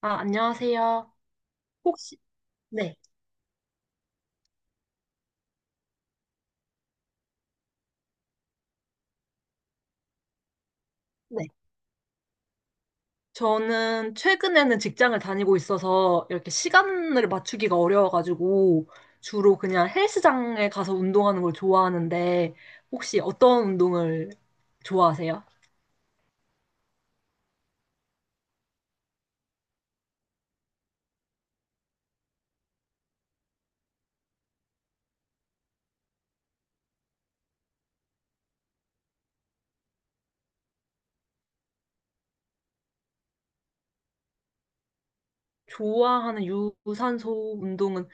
아, 안녕하세요. 혹시, 네. 네. 저는 최근에는 직장을 다니고 있어서 이렇게 시간을 맞추기가 어려워가지고 주로 그냥 헬스장에 가서 운동하는 걸 좋아하는데 혹시 어떤 운동을 좋아하세요? 좋아하는 유산소 운동은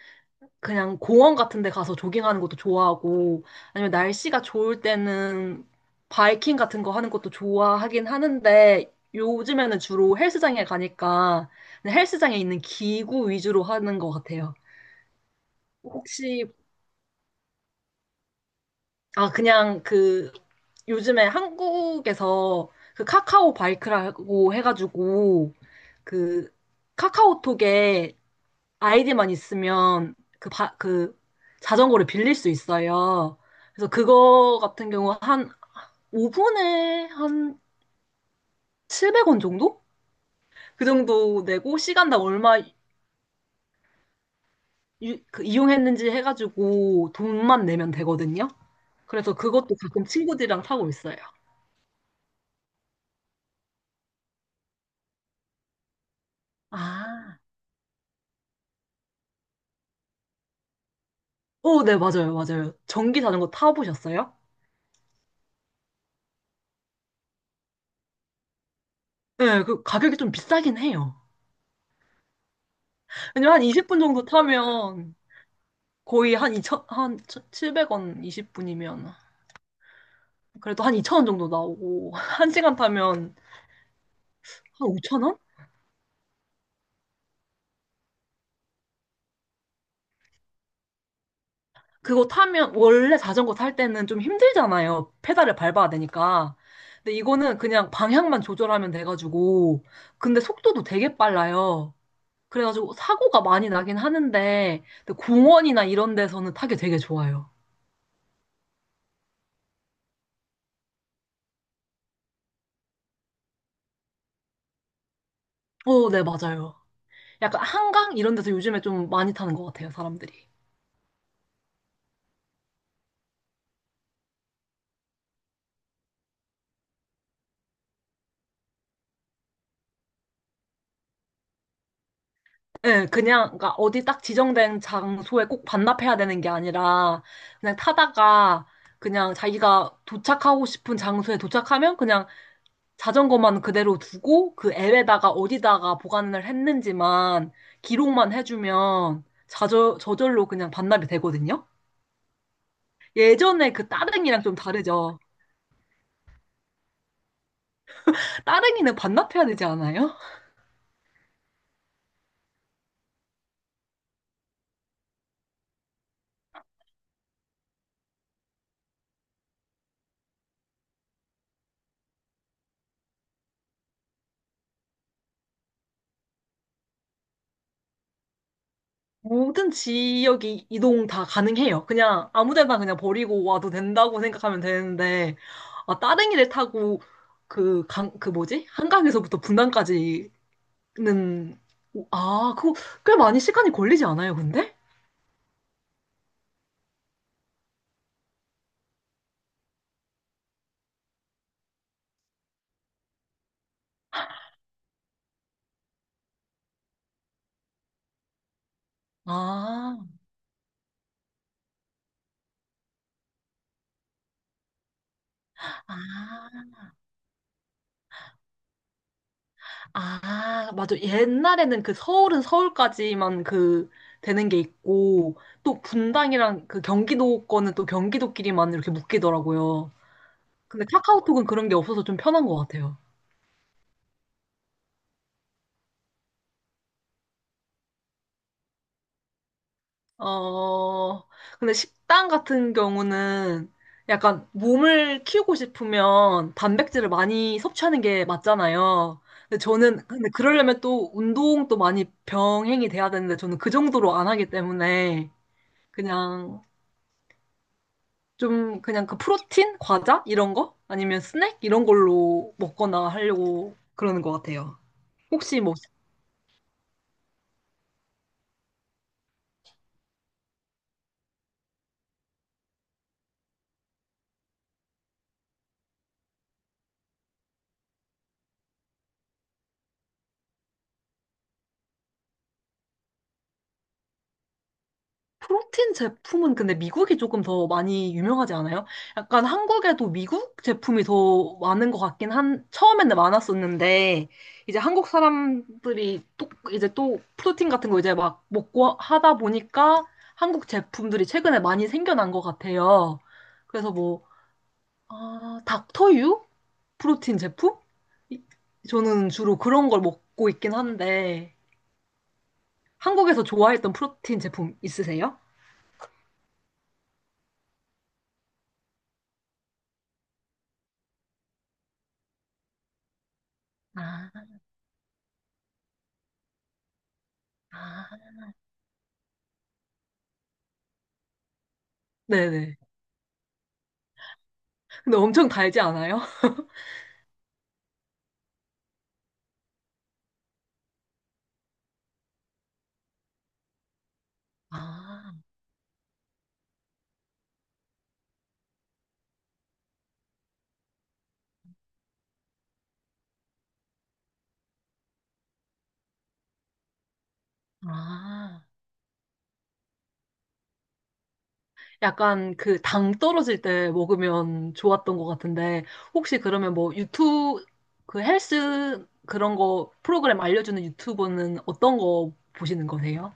그냥 공원 같은 데 가서 조깅하는 것도 좋아하고, 아니면 날씨가 좋을 때는 바이킹 같은 거 하는 것도 좋아하긴 하는데, 요즘에는 주로 헬스장에 가니까 그냥 헬스장에 있는 기구 위주로 하는 것 같아요. 혹시, 아, 그냥 그, 요즘에 한국에서 그 카카오 바이크라고 해가지고, 그, 카카오톡에 아이디만 있으면 그, 그 자전거를 빌릴 수 있어요. 그래서 그거 같은 경우 한 5분에 한 700원 정도? 그 정도 내고 시간당 얼마 그 이용했는지 해가지고 돈만 내면 되거든요. 그래서 그것도 가끔 친구들이랑 타고 있어요. 아, 오, 네, 맞아요, 맞아요. 전기 자전거 타보셨어요? 네, 그 가격이 좀 비싸긴 해요. 왜냐면 한 20분 정도 타면 거의 한 이천한 700원 20분이면 그래도 한2천원 정도 나오고 한시간 타면 한5천원 그거 타면 원래 자전거 탈 때는 좀 힘들잖아요. 페달을 밟아야 되니까. 근데 이거는 그냥 방향만 조절하면 돼가지고 근데 속도도 되게 빨라요. 그래가지고 사고가 많이 나긴 하는데 근데 공원이나 이런 데서는 타기 되게 좋아요. 어, 네, 맞아요. 약간 한강 이런 데서 요즘에 좀 많이 타는 것 같아요, 사람들이. 예, 그냥, 그러니까 어디 딱 지정된 장소에 꼭 반납해야 되는 게 아니라, 그냥 타다가, 그냥 자기가 도착하고 싶은 장소에 도착하면 그냥 자전거만 그대로 두고, 그 앱에다가 어디다가 보관을 했는지만, 기록만 해주면, 저절로 그냥 반납이 되거든요? 예전에 그 따릉이랑 좀 다르죠? 따릉이는 반납해야 되지 않아요? 모든 지역이 이동 다 가능해요. 그냥 아무 데나 그냥 버리고 와도 된다고 생각하면 되는데, 아, 따릉이를 타고 그 강, 그 뭐지? 한강에서부터 분당까지는, 오, 아, 그거 꽤 많이 시간이 걸리지 않아요, 근데? 아, 아, 아, 맞아. 옛날에는 그 서울은 서울까지만 그 되는 게 있고, 또 분당이랑 그 경기도 거는 또 경기도끼리만 이렇게 묶이더라고요. 근데 카카오톡은 그런 게 없어서 좀 편한 것 같아요. 어, 근데 식단 같은 경우는 약간 몸을 키우고 싶으면 단백질을 많이 섭취하는 게 맞잖아요. 근데 그러려면 또 운동도 많이 병행이 돼야 되는데 저는 그 정도로 안 하기 때문에 그냥 좀 그냥 그 프로틴? 과자? 이런 거? 아니면 스낵? 이런 걸로 먹거나 하려고 그러는 것 같아요. 혹시 뭐 프로틴 제품은 근데 미국이 조금 더 많이 유명하지 않아요? 약간 한국에도 미국 제품이 더 많은 것 같긴 한, 처음에는 많았었는데, 이제 한국 사람들이 또, 이제 또 프로틴 같은 거 이제 막 먹고 하다 보니까 한국 제품들이 최근에 많이 생겨난 것 같아요. 그래서 뭐, 아, 닥터유? 프로틴 제품? 이- 저는 주로 그런 걸 먹고 있긴 한데, 한국에서 좋아했던 프로틴 제품 있으세요? 아, 아. 네네. 근데 엄청 달지 않아요? 아, 아. 약간 그 당 떨어질 때 먹으면 좋았던 것 같은데, 혹시 그러면 뭐 유튜브, 그 헬스 그런 거 프로그램 알려주는 유튜버는 어떤 거 보시는 거세요?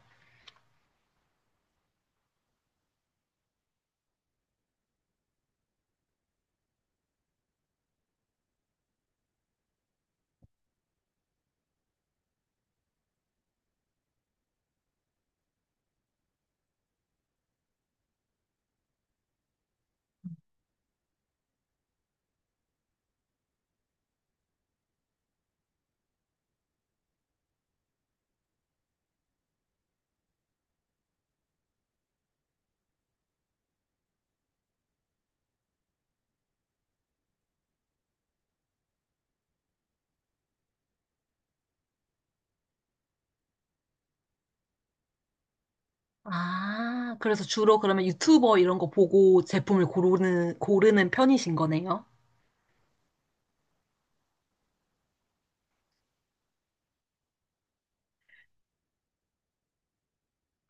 아, 그래서 주로 그러면 유튜버 이런 거 보고 제품을 고르는 편이신 거네요?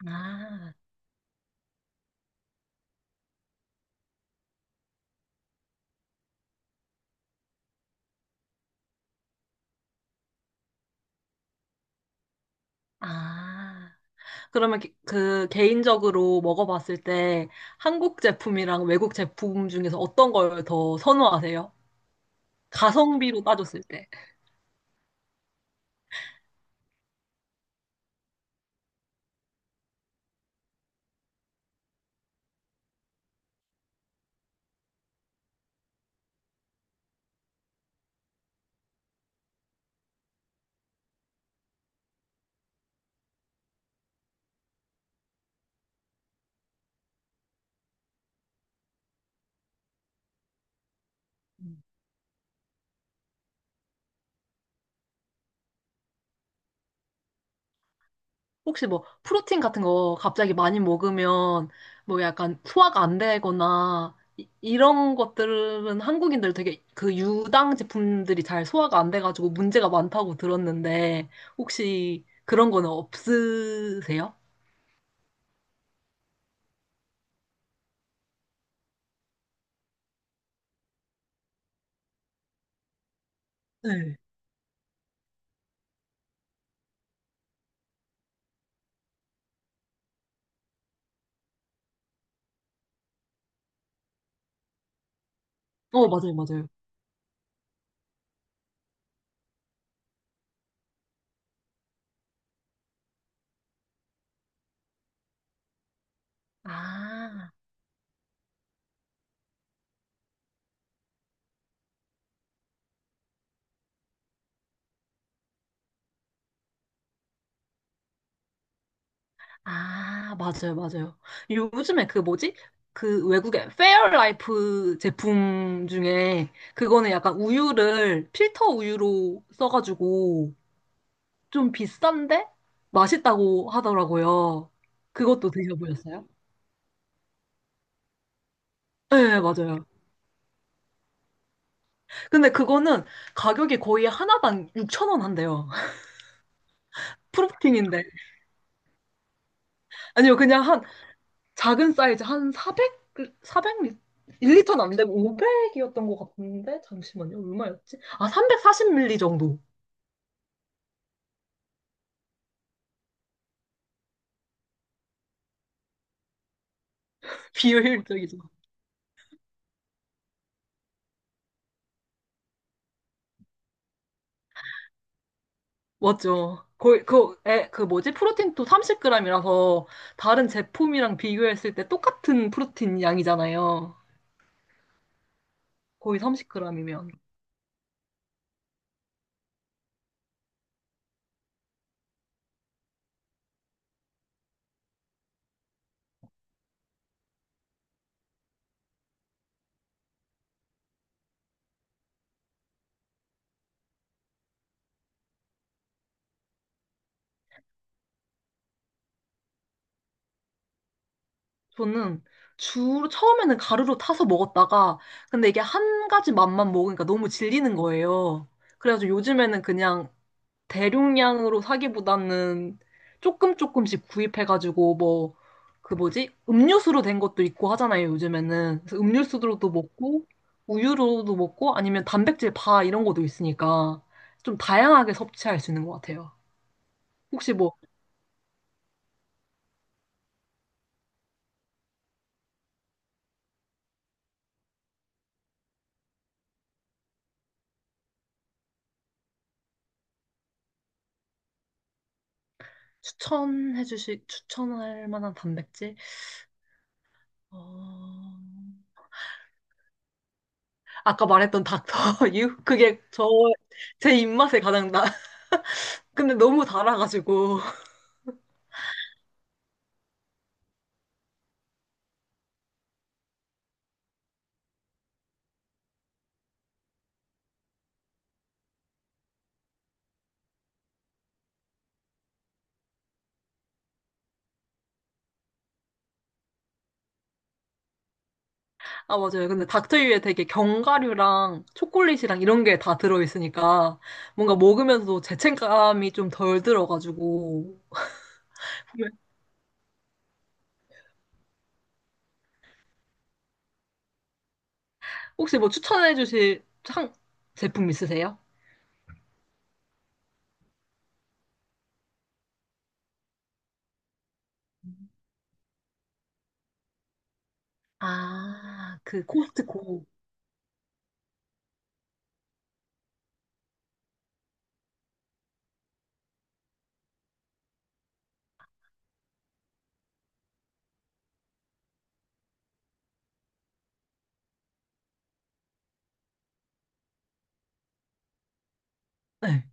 아, 아. 그러면 그 개인적으로 먹어봤을 때 한국 제품이랑 외국 제품 중에서 어떤 걸 더 선호하세요? 가성비로 따졌을 때. 음. 혹시 뭐 프로틴 같은 거 갑자기 많이 먹으면 뭐 약간 소화가 안 되거나 이런 것들은 한국인들 되게 그 유당 제품들이 잘 소화가 안 돼가지고 문제가 많다고 들었는데 혹시 그런 거는 없으세요? 네. 어, 맞아요, 맞아요. 아. 아, 맞아요, 맞아요. 요즘에 그 뭐지? 그 외국의 페어라이프 제품 중에 그거는 약간 우유를 필터 우유로 써가지고 좀 비싼데 맛있다고 하더라고요. 그것도 드셔보셨어요? 네, 네, 맞아요. 근데 그거는 가격이 거의 하나당 6천 원 한대요. 프로틴인데. 아니요, 그냥 작은 사이즈 한 400, 400 리, 1리터는 안 되고 500이었던 것 같은데 잠시만요. 얼마였지? 아, 340ml 정도. 비효율적이죠. 맞죠. 거의 그, 에, 그 뭐지? 프로틴도 30g이라서 다른 제품이랑 비교했을 때 똑같은 프로틴 양이잖아요. 거의 30g이면. 저는 처음에는 가루로 타서 먹었다가 근데 이게 한 가지 맛만 먹으니까 너무 질리는 거예요. 그래가지고 요즘에는 그냥 대용량으로 사기보다는 조금 조금씩 구입해가지고 뭐 그 뭐지? 음료수로 된 것도 있고 하잖아요, 요즘에는. 그래서 음료수로도 먹고 우유로도 먹고 아니면 단백질 바 이런 것도 있으니까 좀 다양하게 섭취할 수 있는 것 같아요. 혹시 뭐 추천해 주실 추천할 만한 단백질? 어... 아까 말했던 닥터 유 그게 저 제 입맛에 가장 나. 근데 너무 달아가지고. 아, 맞아요. 근데 닥터유에 되게 견과류랑 초콜릿이랑 이런 게 다 들어있으니까 뭔가 먹으면서도 죄책감이 좀 덜 들어가지고. 혹시 뭐 추천해 주실 상 제품 있으세요? 아, 그 코스트코. 네.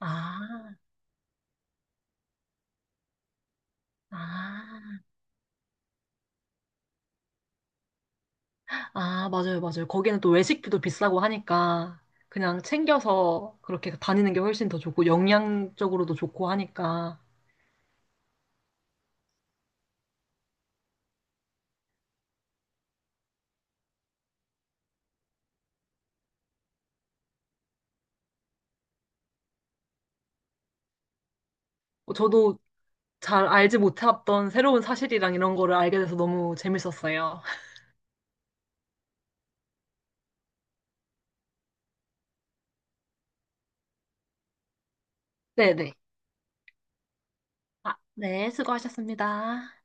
아, 아, 아, 맞아요, 맞아요. 거기는 또 외식비도 비싸고 하니까 그냥 챙겨서 그렇게 다니는 게 훨씬 더 좋고 영양적으로도 좋고 하니까. 어, 저도 잘 알지 못했던 새로운 사실이랑 이런 거를 알게 돼서 너무 재밌었어요. 네네. 아, 네, 수고하셨습니다.